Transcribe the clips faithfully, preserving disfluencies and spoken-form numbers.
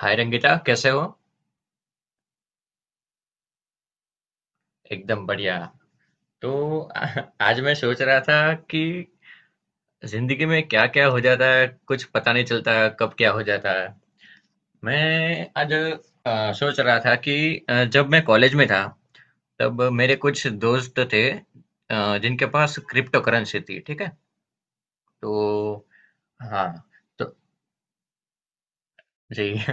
हाय रंगिता, कैसे हो? एकदम बढ़िया। तो आ- आज मैं सोच रहा था कि जिंदगी में क्या क्या हो जाता है, कुछ पता नहीं चलता कब क्या हो जाता है। मैं आज आ, सोच रहा था कि आ, जब मैं कॉलेज में था तब मेरे कुछ दोस्त थे, आ, जिनके पास क्रिप्टो करेंसी थी, ठीक है। तो, हाँ, तो, जी।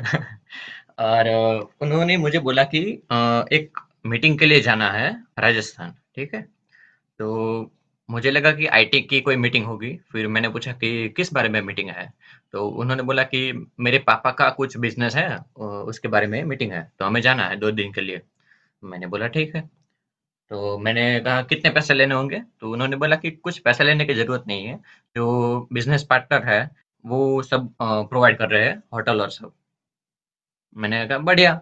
और आ, उन्होंने मुझे बोला कि आ, एक मीटिंग के लिए जाना है, राजस्थान, ठीक है। तो मुझे लगा कि आईटी की कोई मीटिंग होगी। फिर मैंने पूछा कि किस बारे में मीटिंग है। तो उन्होंने बोला कि मेरे पापा का कुछ बिजनेस है, अ, उसके बारे में मीटिंग है, तो हमें जाना है दो दिन के लिए। मैंने बोला ठीक है। तो मैंने कहा कितने पैसे लेने होंगे। तो उन्होंने बोला कि कुछ पैसे लेने की जरूरत नहीं है। जो बिजनेस पार्टनर है वो सब प्रोवाइड कर रहे हैं, होटल और सब। मैंने कहा बढ़िया।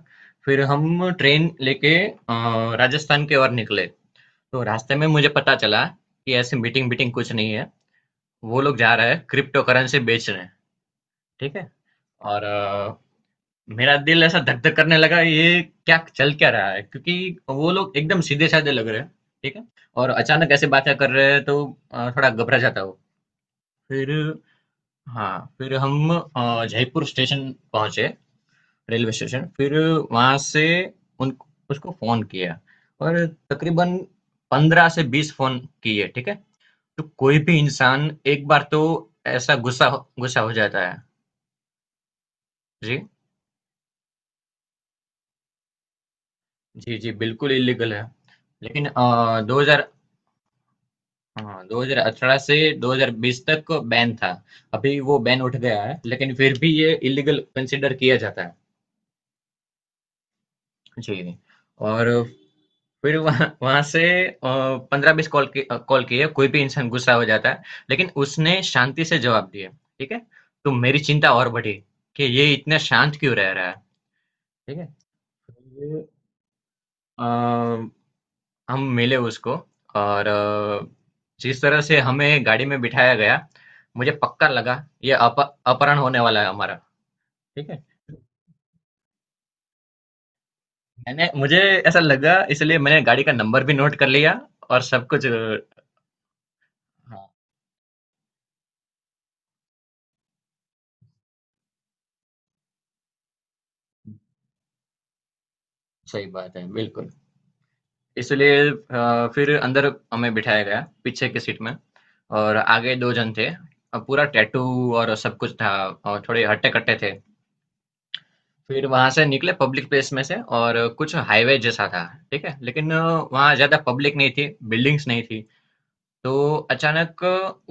फिर हम ट्रेन लेके अ, राजस्थान की ओर निकले। तो रास्ते में मुझे पता चला कि ऐसी मीटिंग मीटिंग कुछ नहीं है, वो लोग जा रहे हैं क्रिप्टो करेंसी बेच रहे हैं, ठीक है। और अ, मेरा दिल ऐसा धक धक करने लगा, ये क्या चल क्या रहा है, क्योंकि वो लोग एकदम सीधे साधे लग रहे हैं, ठीक है। और अचानक ऐसे बातें कर रहे हैं, तो अ, थोड़ा घबरा जाता हूँ। फिर, हाँ, फिर हम अ, जयपुर स्टेशन पहुंचे, रेलवे स्टेशन। फिर वहां से उन उसको फोन किया, और तकरीबन पंद्रह से बीस फोन किए, ठीक है। तो कोई भी इंसान एक बार तो ऐसा गुस्सा हो- गुस्सा हो जाता है। जी। जी, जी, बिल्कुल इल्लीगल है। लेकिन अ, दो हज़ार, हाँ, दो हज़ार अठारह से दो हज़ार बीस तक बैन था। अभी वो बैन उठ गया है, लेकिन फिर भी ये इल्लीगल कंसीडर किया जाता है। जी, और फिर वहाँ वहाँ से अ, पंद्रह से बीस कॉल की अ, कॉल किए, कोई भी इंसान गुस्सा हो जाता है, लेकिन उसने शांति से जवाब दिया, ठीक है? तो मेरी चिंता और बढ़ी कि ये इतना शांत क्यों रह रहा है, ठीक है? तो ये अ हम मिले उसको, और अ, जिस तरह से हमें गाड़ी में बिठाया गया, मुझे पक्का लगा ये अप, अपहरण होने वाला है हमारा, ठीक है। मैंने मुझे ऐसा लगा, इसलिए मैंने गाड़ी का नंबर भी नोट कर लिया और सब कुछ, अ, हाँ, सही बात है, बिल्कुल। इसलिए अ, फिर अंदर हमें बिठाया गया पीछे की सीट में, और आगे दो जन थे, अ, पूरा टैटू और सब कुछ था, और थोड़े हट्टे कट्टे थे। फिर वहां से निकले पब्लिक प्लेस में से, और कुछ हाईवे जैसा था, ठीक है। लेकिन वहां ज्यादा पब्लिक नहीं थी, बिल्डिंग्स नहीं थी। तो अचानक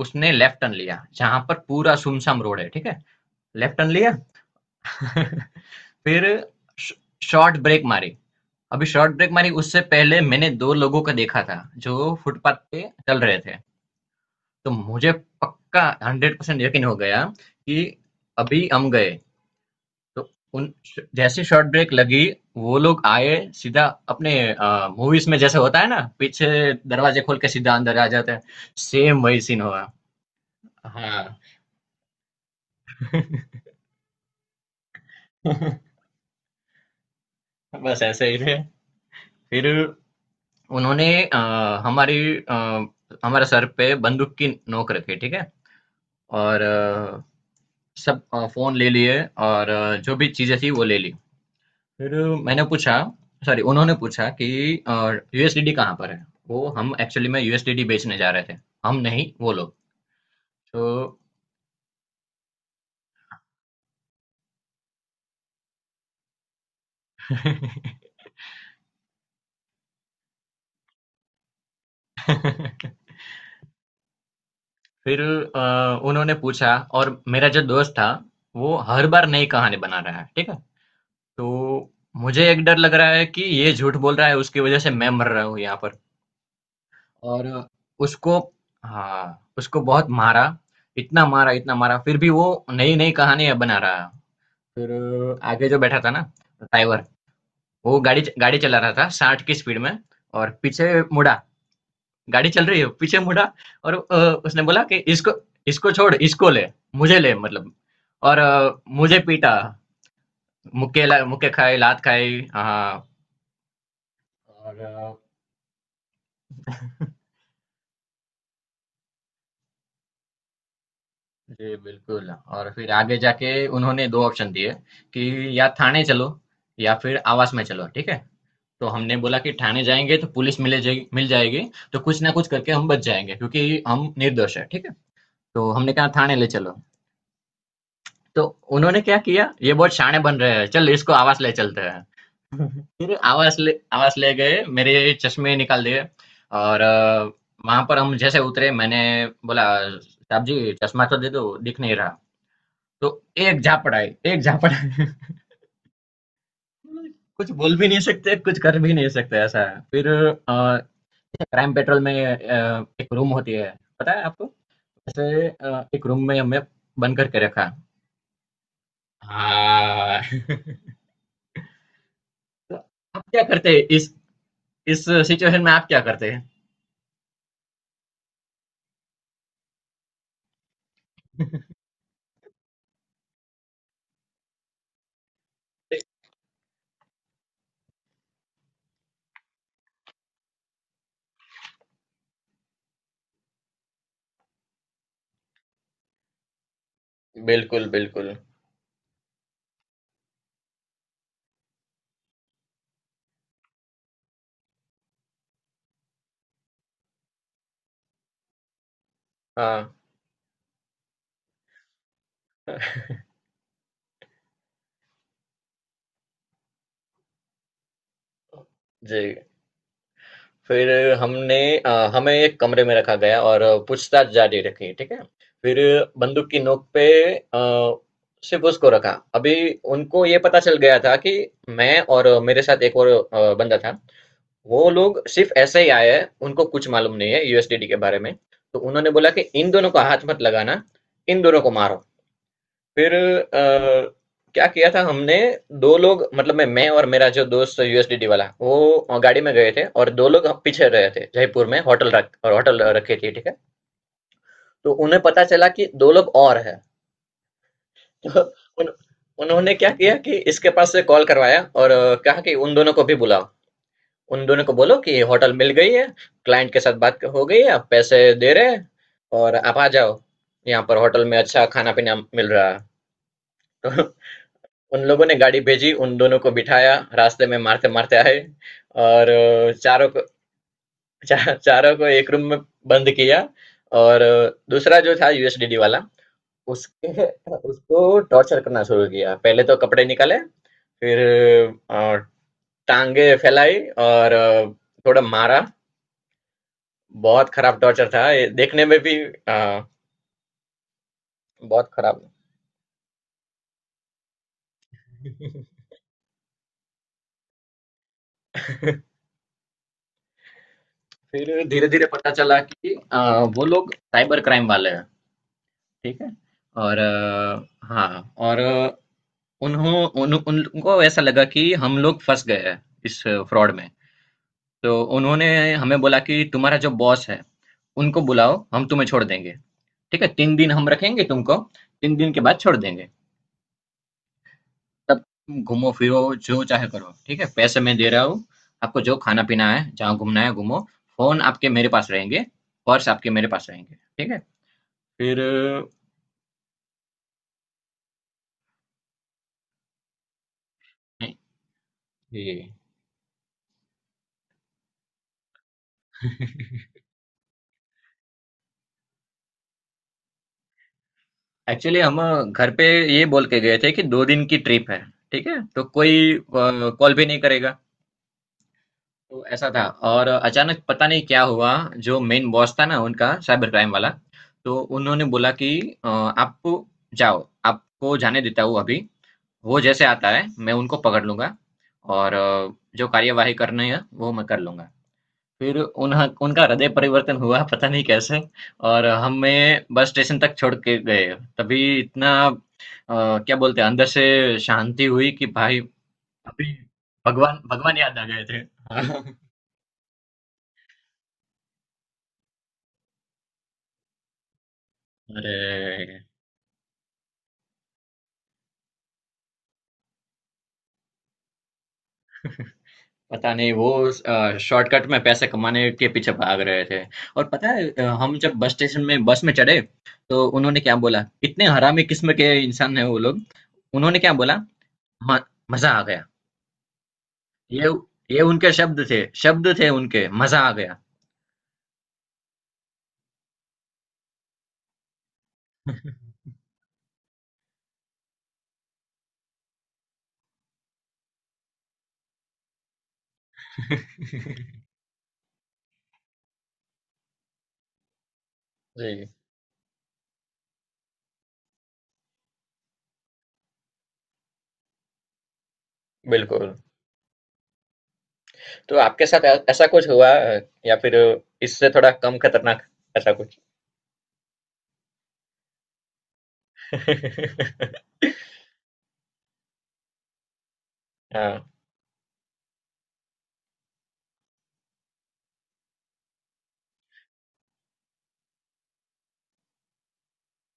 उसने लेफ्ट टर्न लिया जहां पर पूरा सुमसाम रोड है, ठीक है। लेफ्ट टर्न लिया। फिर शॉर्ट ब्रेक मारी। अभी शॉर्ट ब्रेक मारी, उससे पहले मैंने दो लोगों को देखा था जो फुटपाथ पे चल रहे थे। तो मुझे पक्का हंड्रेड परसेंट यकीन हो गया कि अभी हम गए। तो उन जैसे शॉर्ट ब्रेक लगी, वो लोग आए, सीधा अपने अ, मूवीज़ में जैसे होता है ना, पीछे दरवाज़े खोल के सीधा अंदर आ जाते हैं, सेम वही सीन हुआ। हाँ। बस ऐसे ही थे। फिर उन्होंने अ, हमारी अ, हमारे सर पे बंदूक की नोक रखी, ठीक है? और अ, सब अ, फ़ोन ले लिए, और अ, जो भी चीज़ें थी, वो ले ली। फिर मैंने पूछा, सॉरी, उन्होंने पूछा कि यूएसडीडी कहाँ पर है, वो हम एक्चुअली में यूएसडीडी बेचने जा रहे थे, हम नहीं वो लोग। तो। फिर अ, उन्होंने पूछा, और मेरा जो दोस्त था वो हर बार नई कहानी बना रहा है, ठीक है। तो मुझे एक डर लग रहा है कि ये झूठ बोल रहा है, उसकी वजह से मैं मर रहा हूँ यहाँ पर। और उसको हाँ उसको बहुत मारा। इतना मारा इतना मारा, फिर भी वो नई नई कहानियां बना रहा है। फिर आगे जो बैठा था ना, ड्राइवर, वो गाड़ी गाड़ी चला रहा था साठ की स्पीड में, और पीछे मुड़ा, गाड़ी चल रही है, पीछे मुड़ा, और अ, उसने बोला कि इसको इसको छोड़, इसको ले, मुझे ले, मतलब। और अ, मुझे पीटा, मुक्के ला- मुक्के खाए, लात खाई, हाँ। और अ, जी बिल्कुल। और फिर आगे जाके उन्होंने दो ऑप्शन दिए कि या थाने चलो या फिर आवास में चलो, ठीक है। तो हमने बोला कि ठाणे जाएँगे तो पुलिस मिले जाएगी मिल जाएगी, तो कुछ ना कुछ करके हम बच जाएँगे क्योंकि हम निर्दोष हैं, ठीक है? तो हमने कहा ठाणे ले चलो। तो उन्होंने क्या किया, ये बहुत शाणे बन रहे हैं, चल इसको आवास ले चलते हैं। फिर आवास ले आवास ले गए, मेरे चश्मे निकाल दिए, और अ, वहाँ पर हम जैसे उतरे मैंने बोला, "साहब जी, चश्मा तो दे दो, दिख नहीं रहा।" तो एक झापड़ आई, एक झापड़ आई। कुछ बोल भी नहीं सकते, कुछ कर भी नहीं सकते, ऐसा है। फिर अ, क्राइम पेट्रोल में अ, एक रूम होती है, पता है आपको? ऐसे अ, एक रूम में हमें बंद करके रखा। हाँ। तो आप क्या करते हैं इस इस सिचुएशन में आप क्या करते हैं? बिल्कुल बिल्कुल। हाँ, जी। फिर हमने अ, हमें एक कमरे में रखा गया, और पूछताछ जारी रखी, ठीक है। फिर बंदूक की नोक पे अ, सिर्फ उसको रखा। अभी उनको ये पता चल गया था कि मैं और मेरे साथ एक और अ, बंदा था, वो लोग सिर्फ़ ऐसे ही आए हैं, उनको कुछ मालूम नहीं है यूएसडीडी के बारे में। तो उन्होंने बोला कि इन दोनों को हाथ मत लगाना, इन दोनों को मारो। फिर अ, क्या किया था हमने। दो लोग मतलब, मैं मैं और मेरा जो दोस्त यूएसडीडी वाला, वो गाड़ी में गए थे, और दो लोग पीछे रहे थे, जयपुर में होटल रख और होटल रखी थी, ठीक है। तो उन्हें पता चला कि दो लोग और हैं। तो उन उन्होंने क्या किया कि इसके पास से कॉल करवाया, और अ, कहा कि उन दोनों को भी बुलाओ। उन दोनों को बोलो कि होटल मिल गई है, क्लाइंट के साथ बात हो गई है, आप पैसे दे रहे हैं, और आप आ जाओ, यहाँ पर होटल में अच्छा खाना पीना मिल रहा है। तो उन लोगों ने गाड़ी भेजी, उन दोनों को बिठाया, रास्ते में मारते मारते आए, और अ, चारों को चा, चारों को एक रूम में बंद किया। और अ, दूसरा जो था यूएसडीडी वाला, उसके उसको टॉर्चर करना शुरू किया, पहले तो कपड़े निकाले, फिर अ, टांगे फैलाई और अ, थोड़ा मारा। बहुत खराब टॉर्चर था ये देखने में भी, अ, बहुत खराब। फिर धीरे धीरे पता चला कि अ, वो लोग साइबर क्राइम वाले हैं, ठीक है। और अ, हाँ, और अ, उन्हों उन, उनको ऐसा लगा कि हम लोग फंस गए हैं इस फ्रॉड में। तो उन्होंने हमें बोला कि तुम्हारा जो बॉस है उनको बुलाओ, हम तुम्हें छोड़ देंगे, ठीक है। तीन दिन हम रखेंगे तुमको, तीन दिन के बाद छोड़ देंगे। तब तुम घूमो फिरो, जो चाहे करो, ठीक है। पैसे मैं दे रहा हूँ, आपको जो खाना पीना है जहाँ घूमना है घूमो। फोन आपके मेरे पास रहेंगे, पर्स आपके मेरे पास रहेंगे, ठीक है। फिर अ, ये एक्चुअली हम अ, घर पे ये बोल के गए थे कि दो दिन की ट्रिप है, ठीक है। तो कोई कॉल भी नहीं करेगा। तो ऐसा था। और अचानक पता नहीं क्या हुआ, जो मेन बॉस था ना उनका, साइबर क्राइम वाला, तो उन्होंने बोला कि अ, आप जाओ, आपको जाने देता हूँ अभी। वो जैसे आता है मैं उनको पकड़ लूँगा, और अ, जो कार्यवाही करनी है वो मैं कर लूँगा। फिर उन्ह उनका हृदय परिवर्तन हुआ, पता नहीं कैसे, और हमें बस स्टेशन तक छोड़ के गए। तभी इतना अ, क्या बोलते हैं, अंदर से शांति हुई कि भाई अभी भगवान भगवान याद आ गए थे। अरे! पता नहीं, वो शॉर्टकट में पैसे कमाने के पीछे भाग रहे थे। और पता है अ, हम जब बस स्टेशन में बस में चढ़े तो उन्होंने क्या बोला, इतने हरामी किस्म के इंसान है वो लोग। उन्होंने क्या बोला, "म- मजा आ गया।" ये ये उनके शब्द थे, शब्द थे उनके, मजा आ गया। जी, बिल्कुल। तो आपके साथ ऐ- ऐसा कुछ हुआ, अ, या फिर इससे थोड़ा कम खतरनाक ऐसा कुछ? हाँ।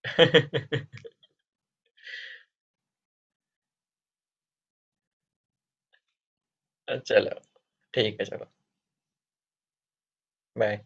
चलो, ठीक है। चलो, बाय।